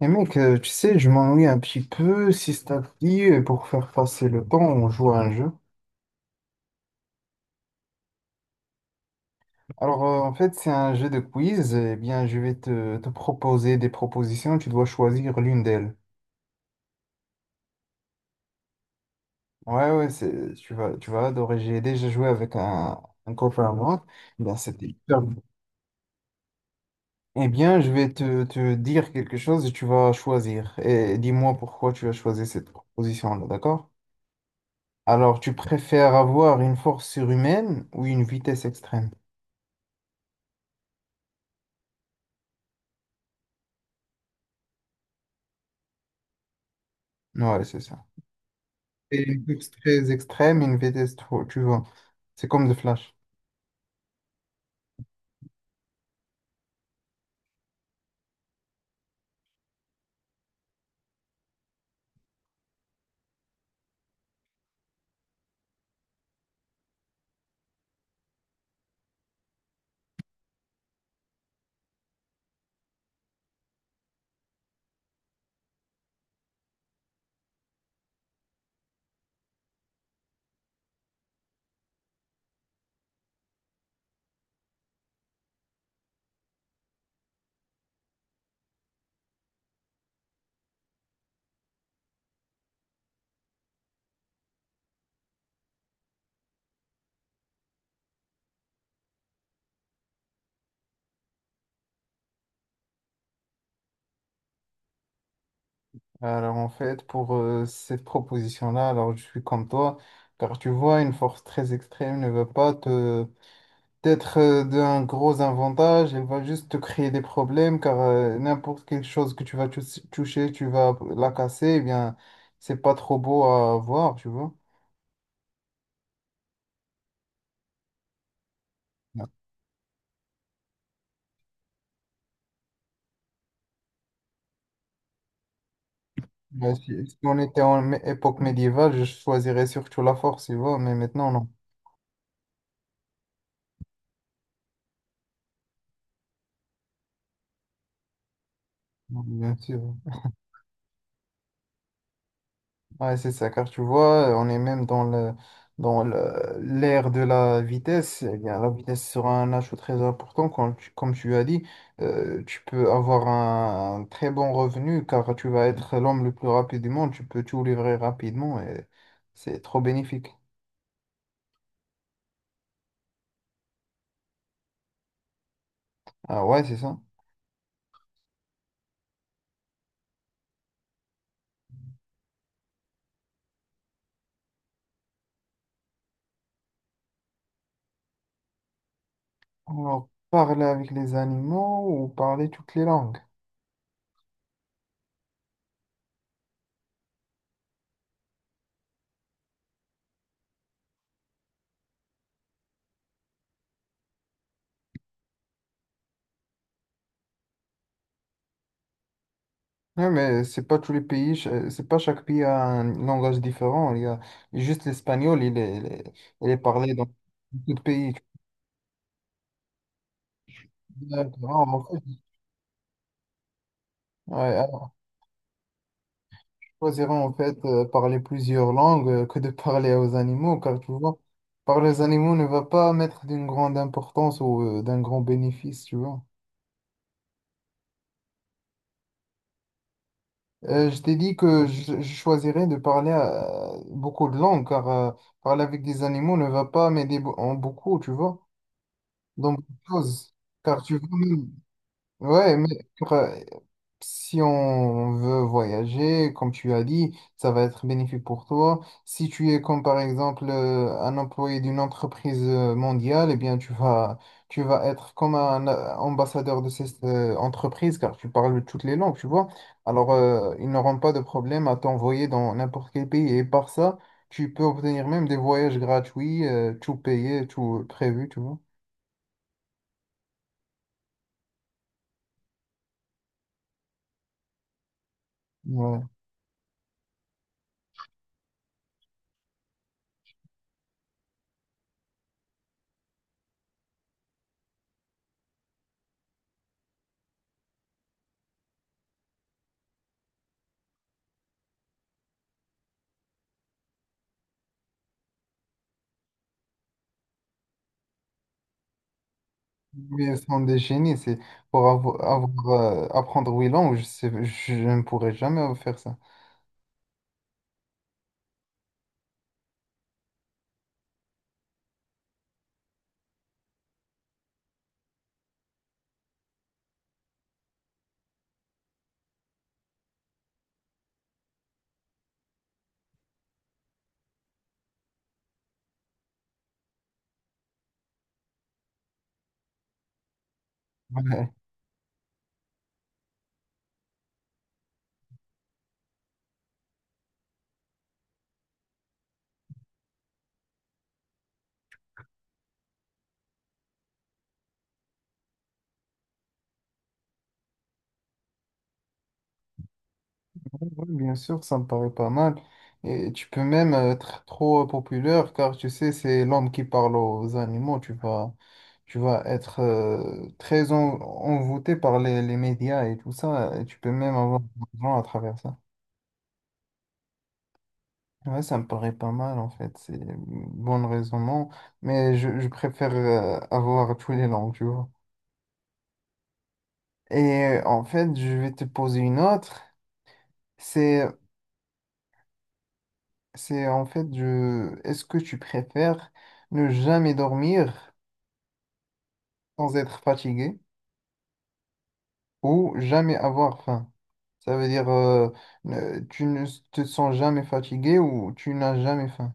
Et mec, tu sais, je m'ennuie un petit peu. Si ça te dit, pour faire passer le temps, on joue à un jeu. Alors, en fait, c'est un jeu de quiz. Eh bien, je vais te proposer des propositions. Tu dois choisir l'une d'elles. Ouais, ouais, c'est, tu vas adorer. J'ai déjà joué avec un copain à moi. Eh bien, c'était hyper bon. Eh bien, je vais te dire quelque chose et tu vas choisir. Et dis-moi pourquoi tu as choisi cette proposition-là, d'accord? Alors, tu préfères avoir une force surhumaine ou une vitesse extrême? Ouais, c'est ça. C'est une course très extrême, une vitesse trop, tu vois. C'est comme le Flash. Alors en fait, pour cette proposition-là, alors je suis comme toi, car tu vois, une force très extrême ne va pas te être d'un gros avantage, elle va juste te créer des problèmes, car n'importe quelle chose que tu vas toucher, tu vas la casser, eh bien, c'est pas trop beau à voir, tu vois. Ouais. Ouais, si, si on était en époque médiévale, je choisirais surtout la force, tu vois, mais maintenant, non. Non, bien sûr. Ouais, c'est ça, car tu vois, on est même dans l'ère de la vitesse. Eh bien, la vitesse sera un ajout très important. Comme tu as dit, tu peux avoir un très bon revenu car tu vas être l'homme le plus rapide du monde. Tu peux tout livrer rapidement et c'est trop bénéfique. Ah ouais, c'est ça. Alors, parler avec les animaux ou parler toutes les langues. Ouais, mais c'est pas tous les pays, c'est pas chaque pays a un langage différent. Il y a juste l'espagnol, il est parlé d'autres pays. D'accord, en fait, ouais, alors, je choisirais en fait parler plusieurs langues que de parler aux animaux, car tu vois, parler aux animaux ne va pas mettre d'une grande importance ou d'un grand bénéfice, tu vois. Je t'ai dit que je choisirais de parler beaucoup de langues, car parler avec des animaux ne va pas m'aider en beaucoup, tu vois, dans beaucoup de choses. Car tu vois, même... Ouais, mais pour, si on veut voyager, comme tu as dit, ça va être bénéfique pour toi. Si tu es comme par exemple un employé d'une entreprise mondiale, eh bien tu vas être comme un ambassadeur de cette entreprise car tu parles toutes les langues, tu vois. Alors ils n'auront pas de problème à t'envoyer dans n'importe quel pays et par ça, tu peux obtenir même des voyages gratuits, tout payé, tout prévu, tu vois. Ouais. Mais Son déchaîné, c'est pour avoir, apprendre huit langues, je sais, je ne pourrais jamais faire ça. Ouais. Ouais, ouais, bien sûr, ça me paraît pas mal. Et tu peux même être trop populaire, car tu sais, c'est l'homme qui parle aux animaux. Tu vas être très envoûté par les médias et tout ça. Et tu peux même avoir de l'argent à travers ça. Ouais, ça me paraît pas mal en fait, c'est bon raisonnement, mais je préfère avoir tous les langues, tu vois. Et en fait, je vais te poser une autre. C'est, c'est en fait, je, est-ce que tu préfères ne jamais dormir sans être fatigué ou jamais avoir faim? Ça veut dire, tu ne te sens jamais fatigué ou tu n'as jamais faim?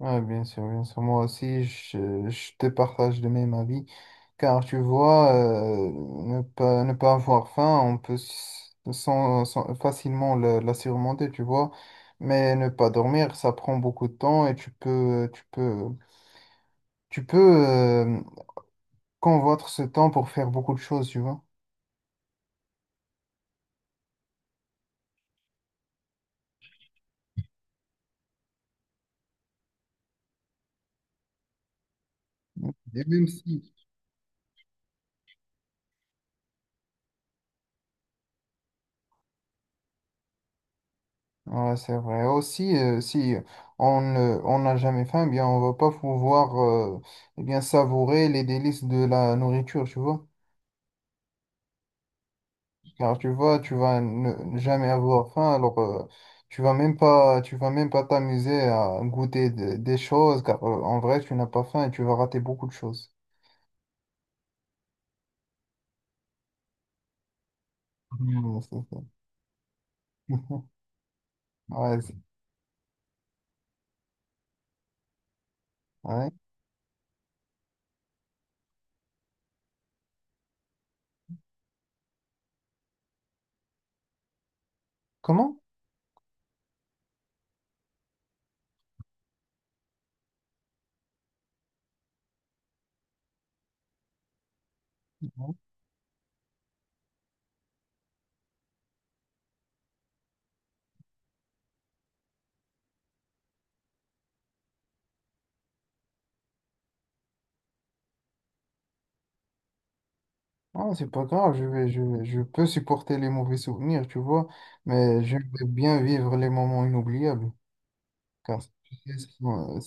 Ouais, bien sûr, bien sûr. Moi aussi, je te partage le même avis. Car tu vois, ne pas avoir faim, on peut facilement la surmonter, tu vois. Mais ne pas dormir, ça prend beaucoup de temps et tu peux convoitre ce temps pour faire beaucoup de choses, tu vois. Et même si, ouais, c'est vrai. Aussi, si on n'a jamais faim, eh bien, on va pas pouvoir eh bien, savourer les délices de la nourriture, tu vois. Car tu vois, tu vas ne jamais avoir faim, alors tu vas même pas t'amuser à goûter des choses, car en vrai, tu n'as pas faim et tu vas rater beaucoup de choses. Hmm, c'est ça. Ouais, ouais. Comment? Non, c'est pas grave, je peux supporter les mauvais souvenirs, tu vois, mais j'aimerais bien vivre les moments inoubliables, car tu sais, ce sont,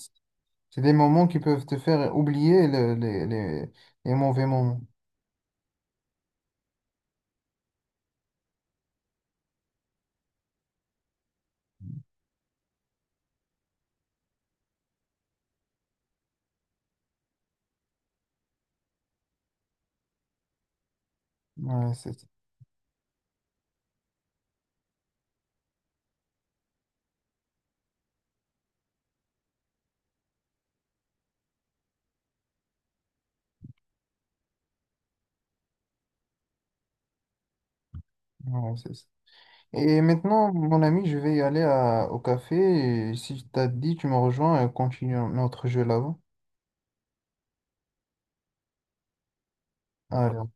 c'est des moments qui peuvent te faire oublier les mauvais moments. Ouais, c'est ça. Ouais, c'est ça. Et maintenant, mon ami, je vais y aller au café. Et si tu t'as dit, tu me rejoins et on continue notre jeu là-bas. Allez,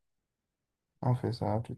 on fait ça à tout.